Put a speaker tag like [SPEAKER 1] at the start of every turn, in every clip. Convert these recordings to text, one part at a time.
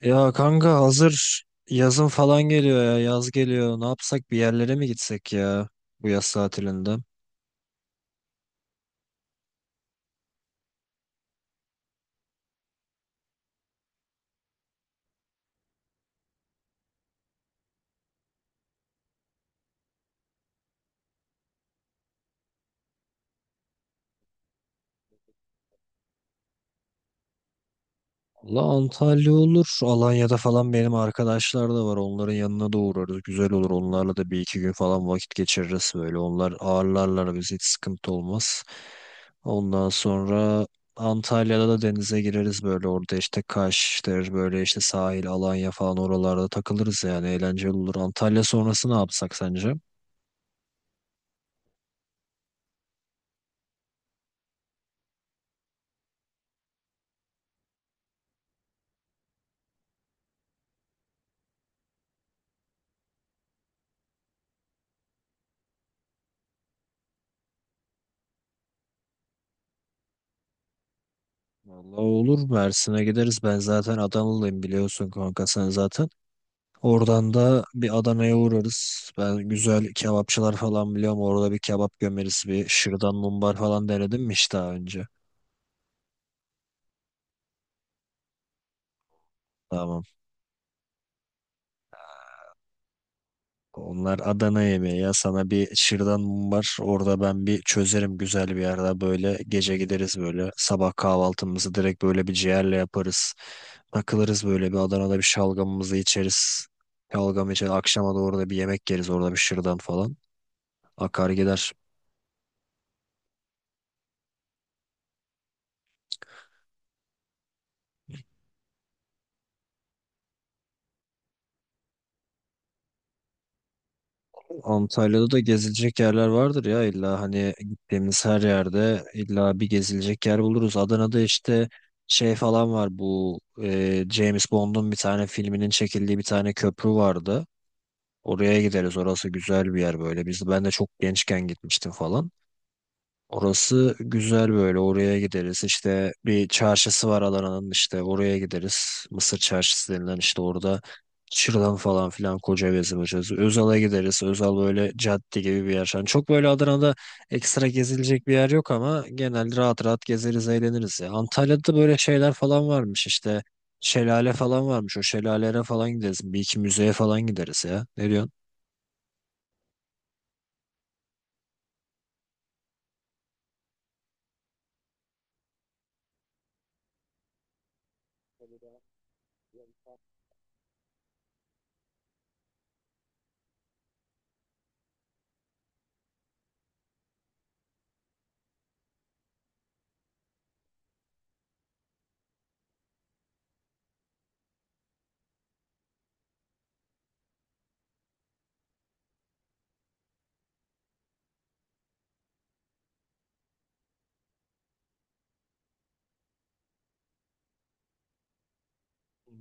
[SPEAKER 1] Ya kanka hazır yazın falan geliyor ya yaz geliyor ne yapsak bir yerlere mi gitsek ya bu yaz tatilinde? Valla Antalya olur Alanya'da falan benim arkadaşlar da var onların yanına da uğrarız güzel olur onlarla da bir iki gün falan vakit geçiririz böyle onlar ağırlarlar biz hiç sıkıntı olmaz. Ondan sonra Antalya'da da denize gireriz böyle orada işte Kaş'tır böyle işte sahil Alanya falan oralarda takılırız yani eğlenceli olur. Antalya sonrası ne yapsak sence? Vallahi olur Mersin'e gideriz. Ben zaten Adanalıyım biliyorsun kanka sen zaten. Oradan da bir Adana'ya uğrarız. Ben güzel kebapçılar falan biliyorum. Orada bir kebap gömeriz. Bir şırdan mumbar falan denedim mi hiç daha önce? Tamam. Onlar Adana yemeği ya sana bir şırdan mum var orada ben bir çözerim güzel bir yerde böyle gece gideriz böyle sabah kahvaltımızı direkt böyle bir ciğerle yaparız takılırız böyle bir Adana'da bir şalgamımızı içeriz şalgam içer akşama doğru da bir yemek yeriz orada bir şırdan falan akar gider. Antalya'da da gezilecek yerler vardır ya illa hani gittiğimiz her yerde illa bir gezilecek yer buluruz. Adana'da işte şey falan var bu James Bond'un bir tane filminin çekildiği bir tane köprü vardı. Oraya gideriz orası güzel bir yer böyle. Ben de çok gençken gitmiştim falan. Orası güzel böyle oraya gideriz işte bir çarşısı var alanın işte oraya gideriz Mısır çarşısı denilen işte orada şırdan falan filan koca gezim açarız. Özal'a gideriz Özal böyle cadde gibi bir yer. Yani çok böyle Adana'da ekstra gezilecek bir yer yok ama genel rahat rahat gezeriz eğleniriz ya Antalya'da böyle şeyler falan varmış işte şelale falan varmış o şelalelere falan gideriz bir iki müzeye falan gideriz ya ne diyorsun?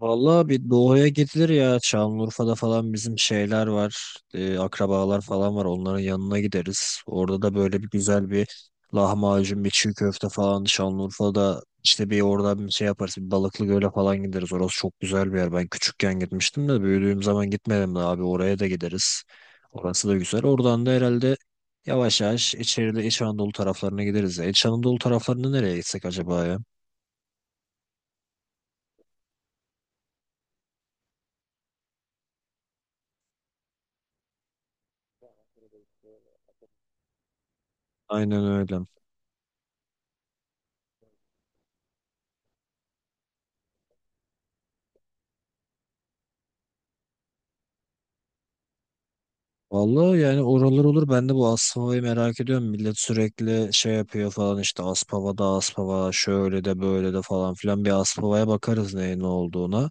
[SPEAKER 1] Vallahi bir doğuya gidilir ya. Şanlıurfa'da falan bizim şeyler var. Akrabalar falan var. Onların yanına gideriz. Orada da böyle bir güzel bir lahmacun, bir çiğ köfte falan. Şanlıurfa'da işte bir oradan bir şey yaparız. Bir Balıklı Göl'e falan gideriz. Orası çok güzel bir yer. Ben küçükken gitmiştim de büyüdüğüm zaman gitmedim de abi. Oraya da gideriz. Orası da güzel. Oradan da herhalde yavaş yavaş içeride İç Anadolu taraflarına gideriz ya. İç Anadolu taraflarına nereye gitsek acaba ya? Aynen öyle. Vallahi yani oralar olur. Ben de bu Aspava'yı merak ediyorum. Millet sürekli şey yapıyor falan işte Aspava'da Aspava şöyle de böyle de falan filan. Bir Aspava'ya bakarız neyin ne olduğuna.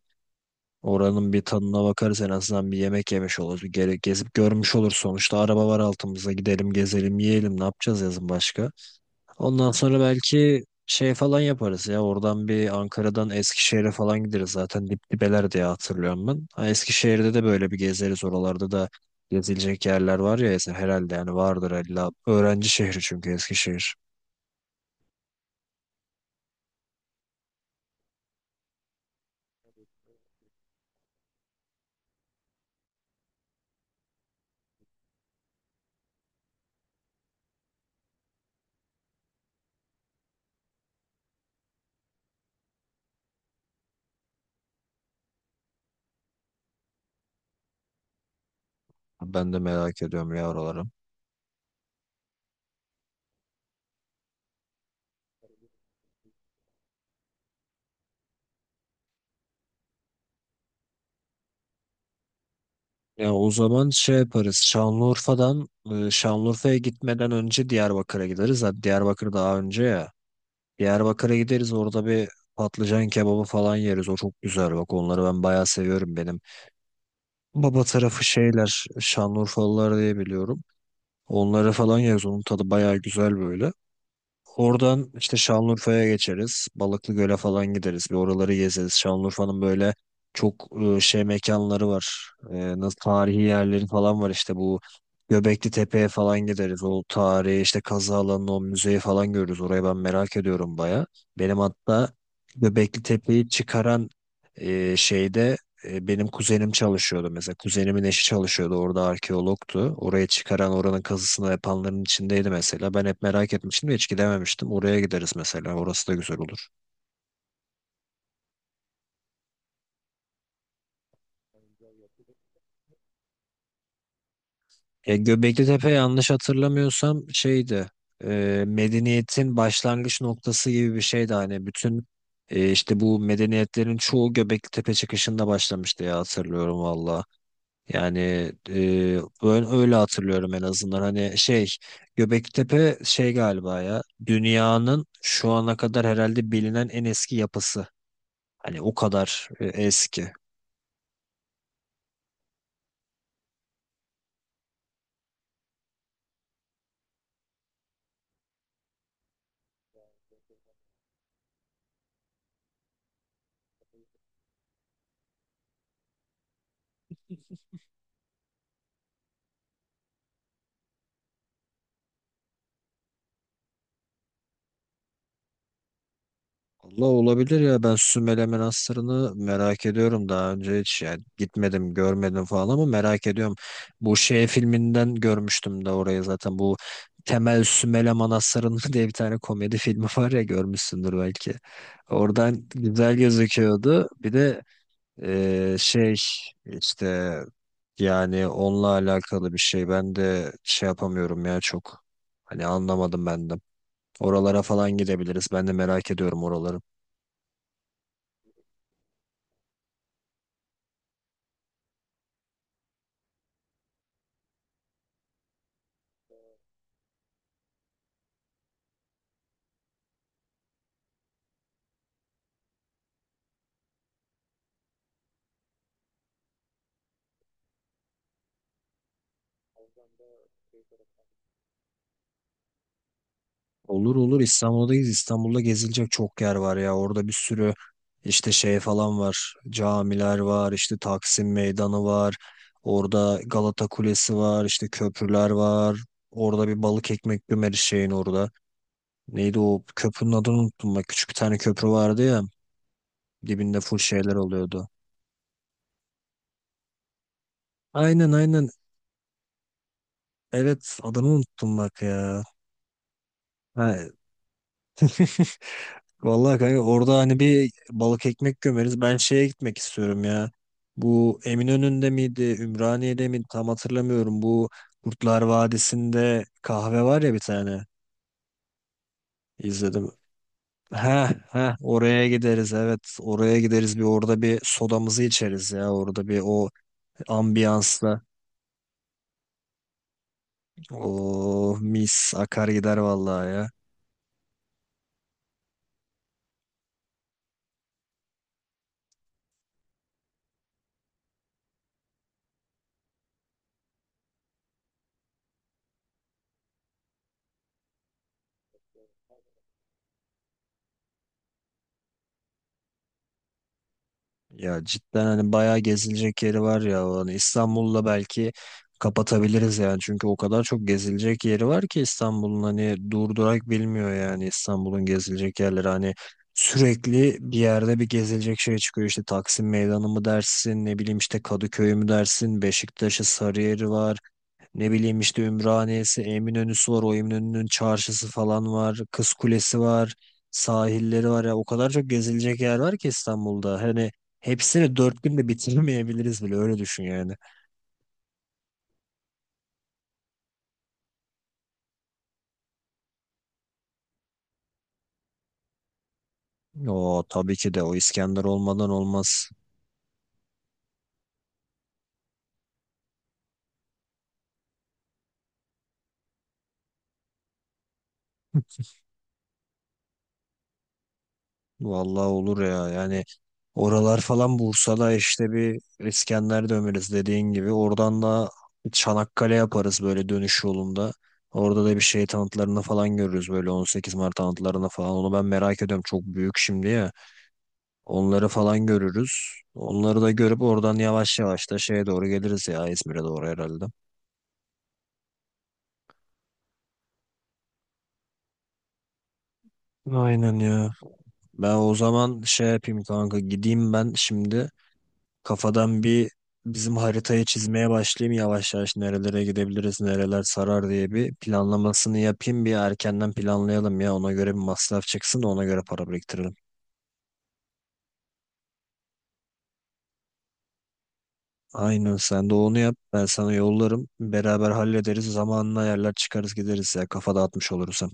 [SPEAKER 1] Oranın bir tadına bakarız en azından bir yemek yemiş oluruz. Bir gere gezip görmüş olur sonuçta. Araba var altımızda gidelim gezelim yiyelim ne yapacağız yazın başka? Ondan sonra belki şey falan yaparız ya. Oradan bir Ankara'dan Eskişehir'e falan gideriz. Zaten dibeler diye hatırlıyorum ben. Ha, Eskişehir'de de böyle bir gezeriz. Oralarda da gezilecek yerler var ya herhalde yani vardır illa. Öğrenci şehri çünkü Eskişehir. Ben de merak ediyorum ya oraları. Ya o zaman şey yaparız. Şanlıurfa'dan Şanlıurfa'ya gitmeden önce Diyarbakır'a gideriz. Hadi Diyarbakır daha önce ya. Diyarbakır'a gideriz orada bir patlıcan kebabı falan yeriz. O çok güzel bak onları ben bayağı seviyorum benim. Baba tarafı şeyler Şanlıurfalılar diye biliyorum. Onlara falan yeriz. Onun tadı bayağı güzel böyle. Oradan işte Şanlıurfa'ya geçeriz. Balıklı Göl'e falan gideriz. Bir oraları gezeriz. Şanlıurfa'nın böyle çok şey mekanları var. E, nasıl tarihi yerleri falan var işte bu Göbekli Tepe'ye falan gideriz. O tarihi işte kazı alanını o müzeyi falan görürüz. Orayı ben merak ediyorum baya. Benim hatta Göbekli Tepe'yi çıkaran şeyde benim kuzenim çalışıyordu mesela. Kuzenimin eşi çalışıyordu. Orada arkeologtu. Oraya çıkaran oranın kazısını yapanların içindeydi mesela. Ben hep merak etmiştim de hiç gidememiştim. Oraya gideriz mesela. Orası da güzel olur. E, Göbekli Tepe yanlış hatırlamıyorsam şeydi. Medeniyetin başlangıç noktası gibi bir şeydi. Hani bütün işte bu medeniyetlerin çoğu Göbekli Tepe çıkışında başlamıştı ya hatırlıyorum valla. Yani ben öyle hatırlıyorum en azından. Hani şey Göbektepe şey galiba ya dünyanın şu ana kadar herhalde bilinen en eski yapısı. Hani o kadar eski. Allah olabilir ya ben Sümele Manastırı'nı merak ediyorum daha önce hiç yani gitmedim görmedim falan ama merak ediyorum. Bu şey filminden görmüştüm de orayı zaten bu Temel Sümele Manastırı'nın diye bir tane komedi filmi var ya görmüşsündür belki. Oradan güzel gözüküyordu. Bir de şey işte yani onunla alakalı bir şey ben de şey yapamıyorum ya çok. Hani anlamadım ben de. Oralara falan gidebiliriz. Ben de merak ediyorum oraları. Olur olur İstanbul'dayız. İstanbul'da gezilecek çok yer var ya. Orada bir sürü işte şey falan var. Camiler var, işte Taksim Meydanı var. Orada Galata Kulesi var, işte köprüler var. Orada bir balık ekmek bümeri şeyin orada. Neydi o köprünün adını unuttum bak. Küçük bir tane köprü vardı ya. Dibinde full şeyler oluyordu. Aynen aynen. Evet adını unuttum bak ya. Ha, vallahi kanka orada hani bir balık ekmek gömeriz. Ben şeye gitmek istiyorum ya. Bu Eminönü'nde miydi, Ümraniye'de miydi tam hatırlamıyorum. Bu Kurtlar Vadisi'nde kahve var ya bir tane. İzledim. Ha ha, oraya gideriz, evet oraya gideriz bir orada bir sodamızı içeriz ya orada bir o ambiyansla. Oh mis akar gider vallahi ya. Ya cidden hani bayağı gezilecek yeri var ya. Hani İstanbul'la belki kapatabiliriz yani. Çünkü o kadar çok gezilecek yeri var ki İstanbul'un hani durdurak bilmiyor yani İstanbul'un gezilecek yerleri. Hani sürekli bir yerde bir gezilecek şey çıkıyor. İşte Taksim Meydanı mı dersin ne bileyim işte Kadıköy mü dersin Beşiktaş'ı Sarıyer'i var. Ne bileyim işte Ümraniye'si, Eminönü'sü var. O Eminönü'nün çarşısı falan var. Kız Kulesi var. Sahilleri var ya. O kadar çok gezilecek yer var ki İstanbul'da. Hani hepsini 4 günde bitiremeyebiliriz bile. Öyle düşün yani. O tabii ki de o İskender olmadan olmaz. Vallahi olur ya yani oralar falan Bursa'da işte bir İskender döneriz dediğin gibi oradan da Çanakkale yaparız böyle dönüş yolunda. Orada da bir şey tanıtlarını falan görürüz böyle 18 Mart tanıtlarını falan. Onu ben merak ediyorum çok büyük şimdi ya. Onları falan görürüz. Onları da görüp oradan yavaş yavaş da şeye doğru geliriz ya İzmir'e doğru herhalde. Aynen ya. Ben o zaman şey yapayım kanka gideyim ben şimdi. Kafadan bir bizim haritayı çizmeye başlayayım yavaş yavaş nerelere gidebiliriz, nereler sarar diye bir planlamasını yapayım. Bir erkenden planlayalım ya ona göre bir masraf çıksın da ona göre para biriktirelim. Aynen sen de onu yap ben sana yollarım. Beraber hallederiz zamanla yerler çıkarız gideriz ya kafa dağıtmış oluruz hem.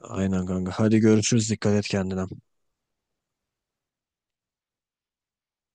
[SPEAKER 1] Aynen kanka hadi görüşürüz dikkat et kendine.